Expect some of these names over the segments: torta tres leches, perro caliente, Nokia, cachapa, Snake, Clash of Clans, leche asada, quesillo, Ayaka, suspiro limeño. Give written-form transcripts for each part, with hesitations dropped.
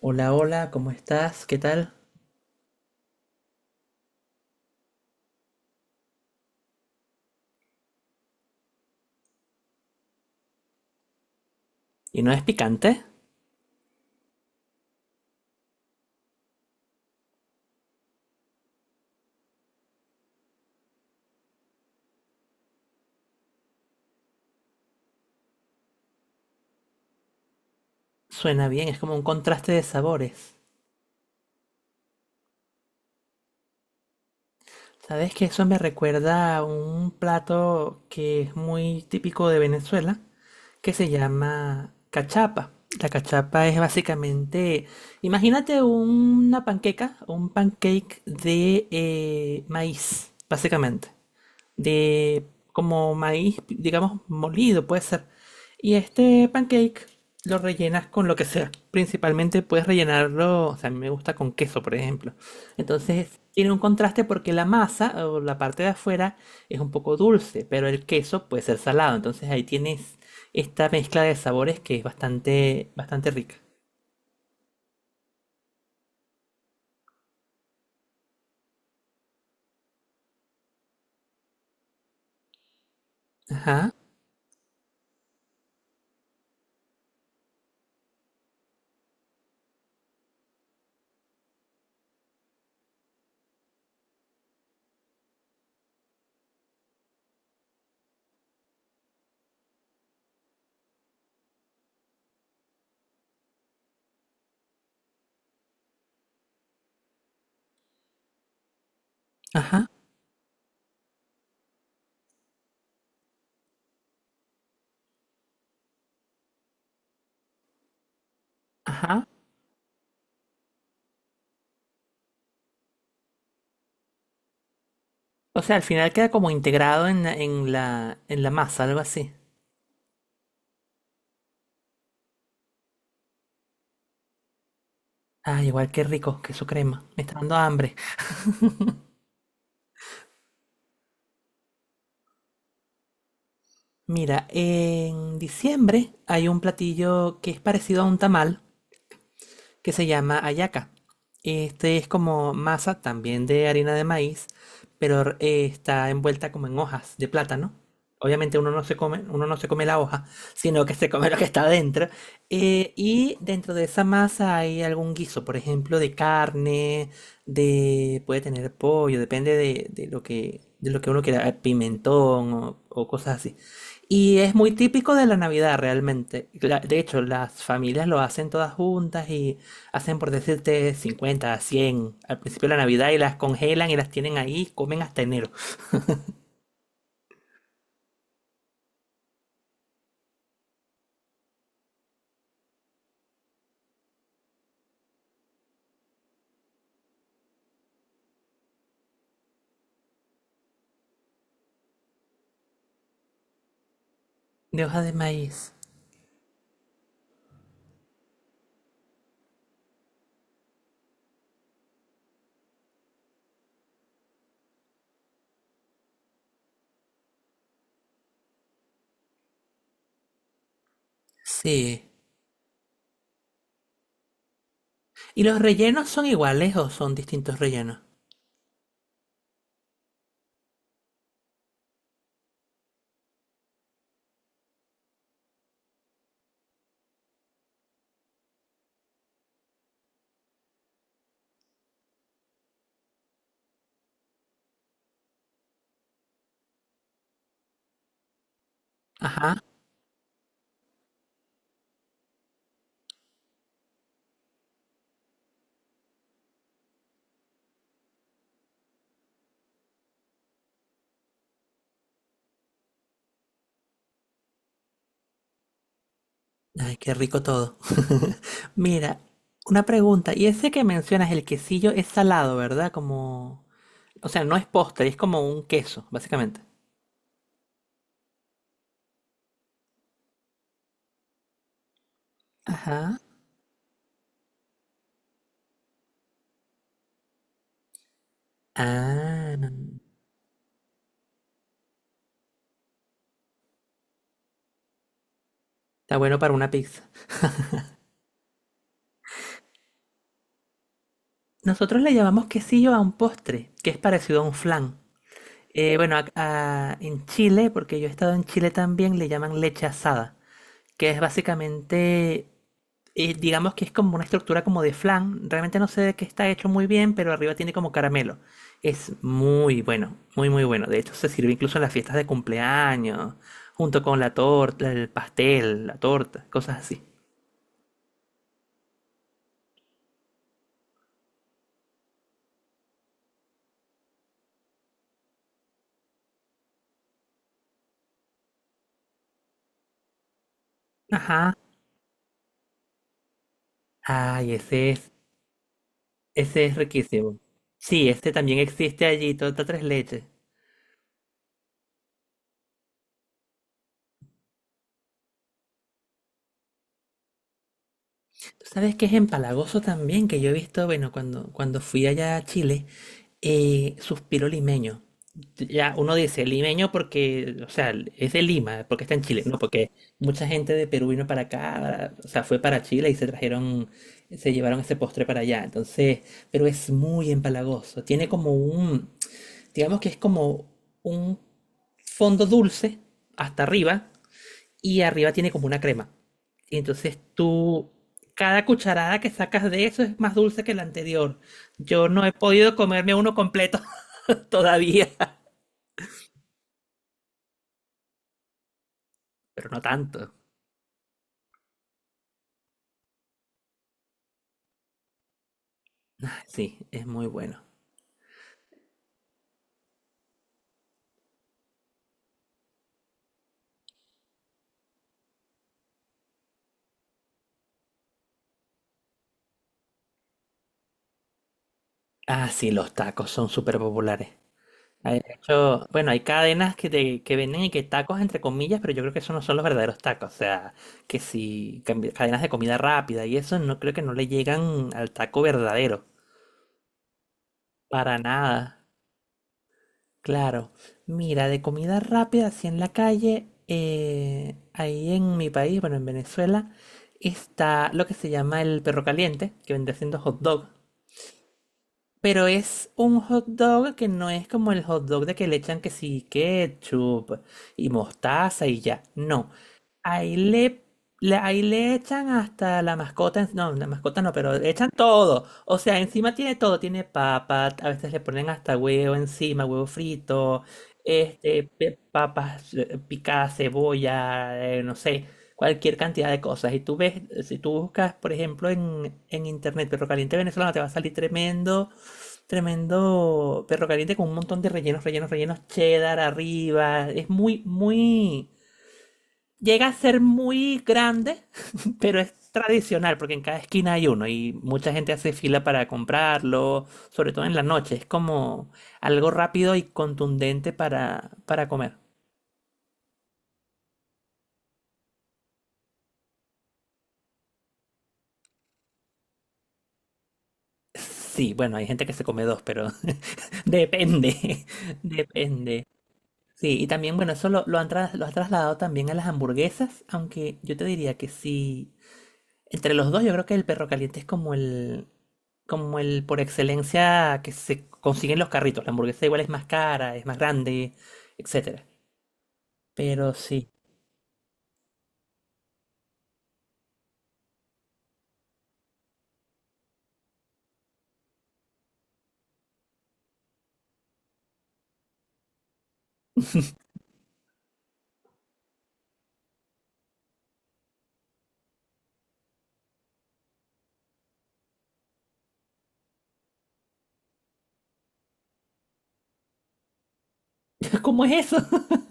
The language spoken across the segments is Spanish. Hola, hola, ¿cómo estás? ¿Qué tal? ¿Y no es picante? Suena bien, es como un contraste de sabores. ¿Sabes que eso me recuerda a un plato que es muy típico de Venezuela, que se llama cachapa? La cachapa es básicamente, imagínate una panqueca, un pancake de maíz, básicamente. De como maíz, digamos, molido, puede ser. Y este pancake lo rellenas con lo que sea. Principalmente puedes rellenarlo, o sea, a mí me gusta con queso, por ejemplo. Entonces tiene un contraste porque la masa o la parte de afuera es un poco dulce, pero el queso puede ser salado. Entonces ahí tienes esta mezcla de sabores que es bastante, bastante rica. Ajá, ajá, ajá. O sea, al final queda como integrado en la, en la, en la masa, algo así. Ah, igual qué rico, queso crema. Me está dando hambre. Mira, en diciembre hay un platillo que es parecido a un tamal, que se llama Ayaka. Este es como masa también de harina de maíz, pero está envuelta como en hojas de plátano. Obviamente uno no se come, uno no se come la hoja, sino que se come lo que está dentro. Y dentro de esa masa hay algún guiso, por ejemplo, de carne, de puede tener pollo, depende de lo que uno quiera, pimentón o cosas así. Y es muy típico de la Navidad realmente. De hecho, las familias lo hacen todas juntas y hacen por decirte 50 100 al principio de la Navidad y las congelan y las tienen ahí, comen hasta enero. De hoja de maíz. Sí. ¿Y los rellenos son iguales o son distintos rellenos? Ajá. Ay, qué rico todo. Mira, una pregunta. Y ese que mencionas, el quesillo, es salado, ¿verdad? Como... O sea, no es postre, es como un queso, básicamente. Ajá. Ah, está bueno para una pizza. Nosotros le llamamos quesillo a un postre, que es parecido a un flan. Bueno, en Chile, porque yo he estado en Chile también, le llaman leche asada, que es básicamente, digamos que es como una estructura como de flan. Realmente no sé de qué está hecho muy bien, pero arriba tiene como caramelo. Es muy bueno, muy muy bueno. De hecho, se sirve incluso en las fiestas de cumpleaños, junto con la torta, el pastel, la torta, cosas así. Ajá. Ay, ese es riquísimo. Sí, este también existe allí, torta tres leches. Tú sabes que es empalagoso también, que yo he visto, bueno, cuando fui allá a Chile, suspiro limeño. Ya uno dice limeño porque, o sea, es de Lima, porque está en Chile, no, porque mucha gente de Perú vino para acá, o sea, fue para Chile y se trajeron, se llevaron ese postre para allá. Entonces, pero es muy empalagoso. Tiene como un, digamos que es como un fondo dulce hasta arriba y arriba tiene como una crema. Y entonces tú, cada cucharada que sacas de eso es más dulce que la anterior. Yo no he podido comerme uno completo todavía, pero no tanto. Ah, sí, es muy bueno. Ah, sí, los tacos son súper populares. Hay- De hecho, bueno, hay cadenas que, que venden y que tacos entre comillas, pero yo creo que esos no son los verdaderos tacos. O sea, que si cadenas de comida rápida y eso, no creo que no le llegan al taco verdadero. Para nada. Claro. Mira, de comida rápida, así en la calle, ahí en mi país, bueno, en Venezuela, está lo que se llama el perro caliente, que vende siendo hot dog. Pero es un hot dog que no es como el hot dog de que le echan que sí, ketchup y mostaza y ya. No, Ahí le, ahí le echan hasta la mascota, no, la mascota no, pero le echan todo. O sea, encima tiene todo, tiene papas a veces le ponen hasta huevo encima, huevo frito, este, papas picadas, cebolla, no sé, cualquier cantidad de cosas. Y tú ves, si tú buscas, por ejemplo, en internet perro caliente venezolano, te va a salir tremendo, tremendo perro caliente con un montón de rellenos, rellenos, rellenos, cheddar arriba. Es muy, llega a ser muy grande, pero es tradicional, porque en cada esquina hay uno y mucha gente hace fila para comprarlo, sobre todo en la noche. Es como algo rápido y contundente para, comer. Sí, bueno, hay gente que se come 2, pero depende, depende. Sí, y también, bueno, eso lo has trasladado también a las hamburguesas, aunque yo te diría que sí. Entre los dos, yo creo que el perro caliente es como el por excelencia que se consiguen los carritos. La hamburguesa igual es más cara, es más grande, etcétera. Pero sí. ¿Cómo es eso?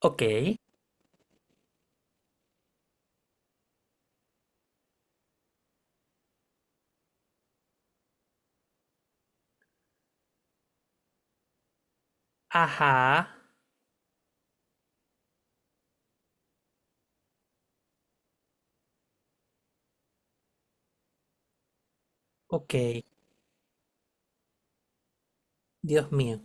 Ok. Ajá. Ok. Dios mío.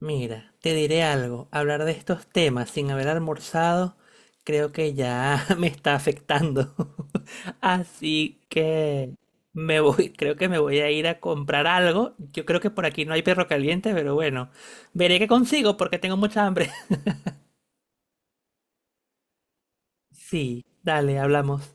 Mira, te diré algo, hablar de estos temas sin haber almorzado creo que ya me está afectando. Así que me voy, creo que me voy a ir a comprar algo. Yo creo que por aquí no hay perro caliente, pero bueno, veré qué consigo porque tengo mucha hambre. Sí, dale, hablamos.